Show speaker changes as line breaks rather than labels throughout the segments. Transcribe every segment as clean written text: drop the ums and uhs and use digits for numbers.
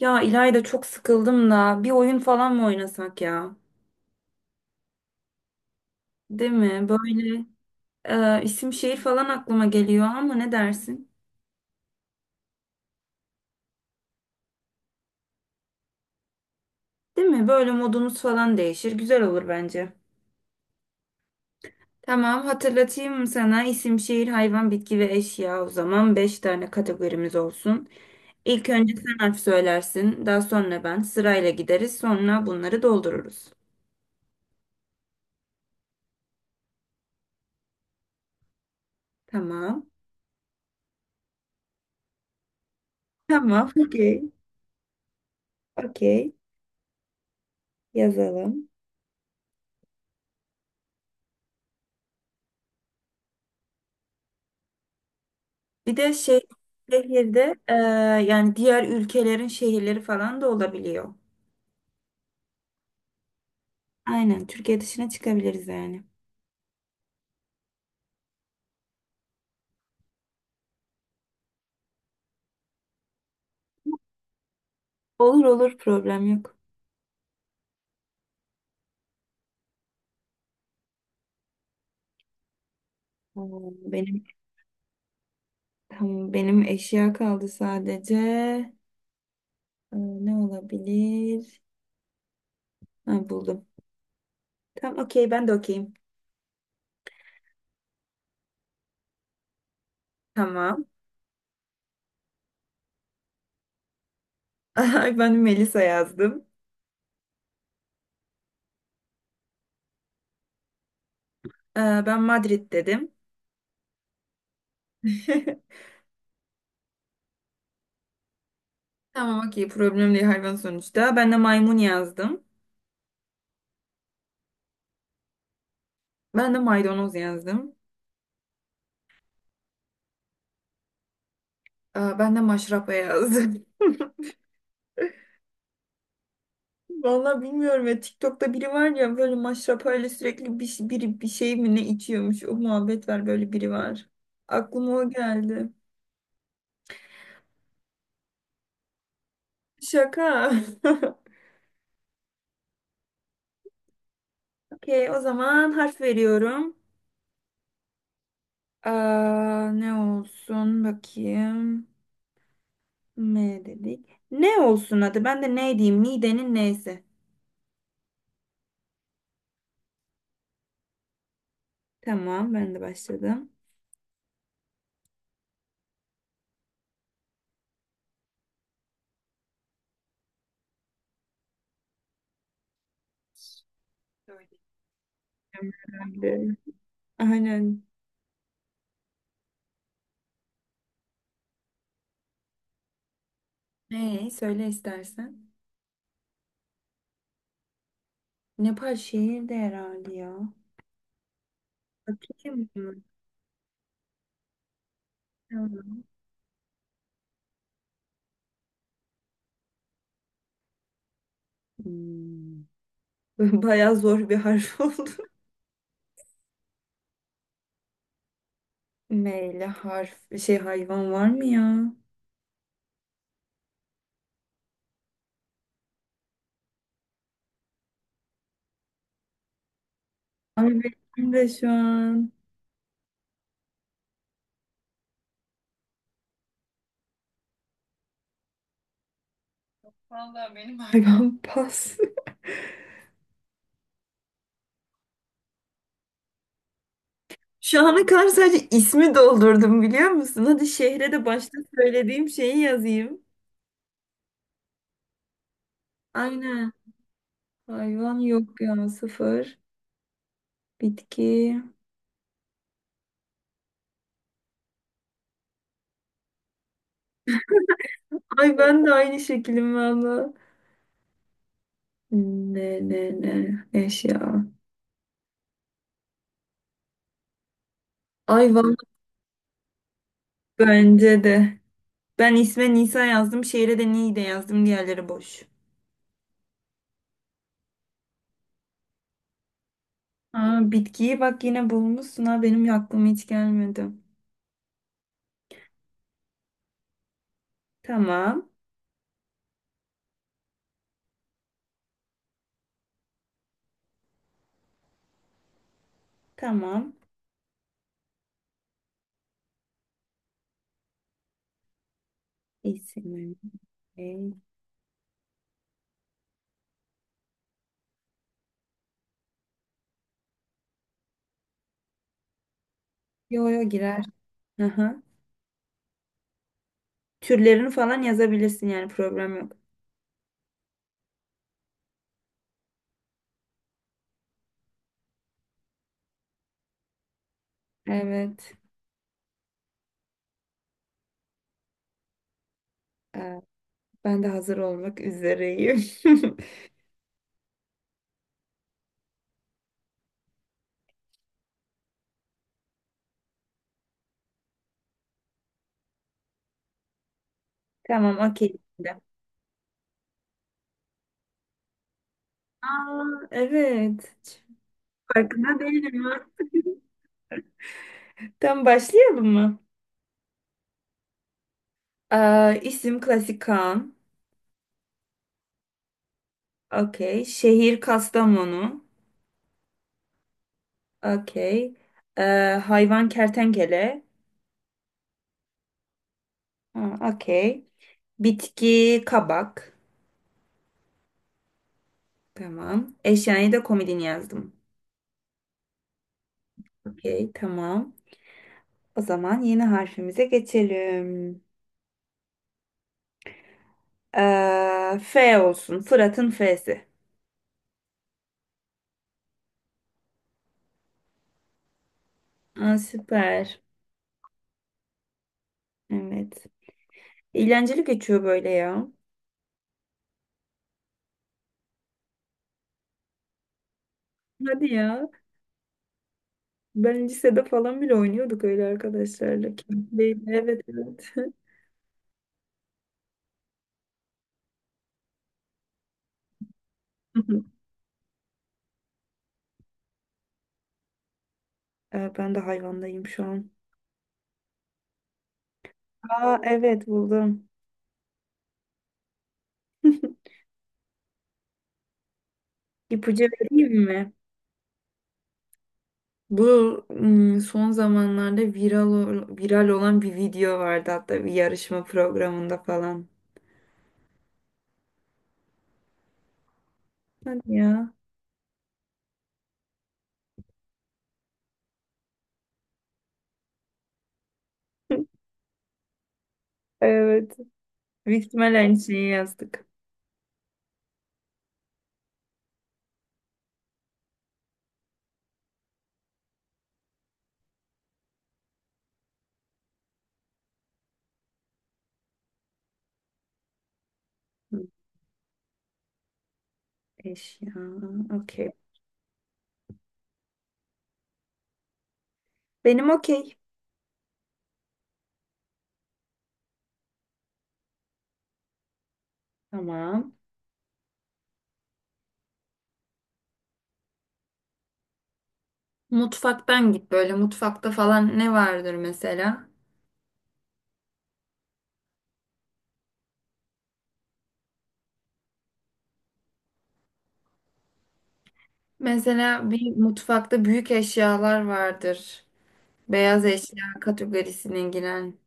Ya İlayda çok sıkıldım da bir oyun falan mı oynasak ya? Değil mi? Böyle isim şehir falan aklıma geliyor ama ne dersin? Değil mi? Böyle modumuz falan değişir. Güzel olur bence. Tamam, hatırlatayım mı sana, isim şehir hayvan bitki ve eşya, o zaman 5 tane kategorimiz olsun. İlk önce sen harf söylersin, daha sonra ben sırayla gideriz, sonra bunları doldururuz. Tamam. Tamam. Okey. Okey. Yazalım. Bir de şey, şehirde yani diğer ülkelerin şehirleri falan da olabiliyor. Aynen, Türkiye dışına çıkabiliriz yani. Olur olur, problem yok. Ee, Benim tamam, benim eşya kaldı sadece. Ne olabilir? Ha, buldum. Tamam okey, ben de okeyim. Tamam. Ay, ben Melisa yazdım. Ee, Ben Madrid dedim. Tamam okey, problem değil, hayvan sonuçta. Ben de maymun yazdım. Ben de maydanoz yazdım. Ben de maşrapa yazdım. Vallahi bilmiyorum ya, TikTok'ta biri var ya, böyle maşrapayla sürekli biri bir şey mi ne içiyormuş, o muhabbet var, böyle biri var. Aklıma o geldi. Şaka. Okey, o zaman harf veriyorum. Aa, ne olsun bakayım. M dedik. Ne olsun, hadi ben de ne diyeyim, Nidenin neyse. Tamam, ben de başladım. Söyle. Ben de. Aynen. Ne, söyle istersen. Nepal şehir de herhalde ya. Bakayım mı? Hmm. Bayağı zor bir harf oldu. Meyle harf şey hayvan var mı ya? Abi benim de şu an hayvan pas. Şu ana kadar sadece ismi doldurdum biliyor musun? Hadi şehre de başta söylediğim şeyi yazayım. Aynen. Hayvan yok ya, sıfır. Bitki. Ay ben de aynı şekilim valla. Ne ne ne eşya. Hayvan. Bence de. Ben isme Nisa yazdım. Şehre de Niğde yazdım. Diğerleri boş. Aa, bitkiyi bak yine bulmuşsun ha, benim aklıma hiç gelmedi. Tamam. Tamam. İsim. Yo yo, girer. Aha. Türlerini falan yazabilirsin yani, problem yok. Evet. Ee, ben de hazır olmak üzereyim. Tamam okey. Şimdi. Aa, evet. Hiç farkında değilim ha. Tamam, başlayalım mı? İsim klasik Kaan. Okey. Şehir Kastamonu. Okey. Ee, hayvan kertenkele. Ha, okey. Bitki kabak. Tamam. Eşyayı da komodin yazdım. Okey, tamam. O zaman yeni harfimize geçelim. F olsun. Fırat'ın F'si. Aa, süper. Evet. Eğlenceli geçiyor böyle ya. Hadi ya. Ben lisede falan bile oynuyorduk öyle arkadaşlarla. Keyifliydi. Evet, evet. Ben de hayvandayım şu an. Aa, evet, buldum. İpucu vereyim mi? Bu son zamanlarda viral olan bir video vardı hatta, bir yarışma programında falan. Hadi ya. Evet. Büyük ihtimal aynı şeyi yazdık. Hı, eşya. Okey. Benim okey. Tamam. Mutfaktan git, böyle mutfakta falan ne vardır mesela? Mesela bir mutfakta büyük eşyalar vardır. Beyaz eşya kategorisine giren.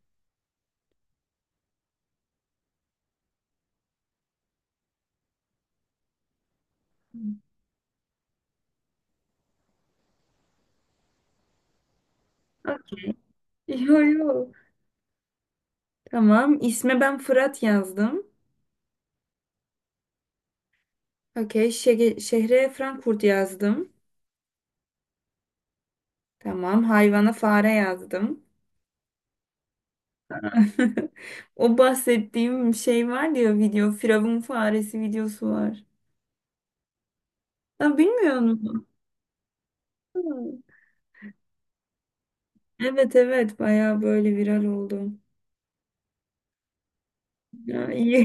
Ah, yo yo. Tamam. İsme ben Fırat yazdım. Okey. Şehre Frankfurt yazdım. Tamam. Hayvana fare yazdım. O bahsettiğim şey var diyor, video. Firavun faresi videosu var. Ha, bilmiyor musun? Hı. Evet, evet. Baya böyle viral oldu. Ya, iyi.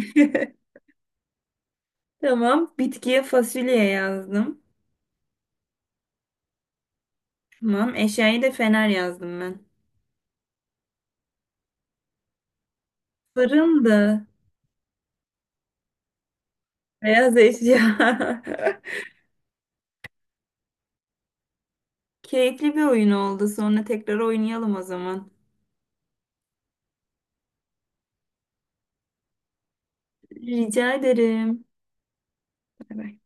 Tamam. Bitkiye fasulye yazdım. Tamam. Eşyayı da fener yazdım ben. Fırındı. Beyaz eşya. Keyifli bir oyun oldu. Sonra tekrar oynayalım o zaman. Rica ederim. Bay bay.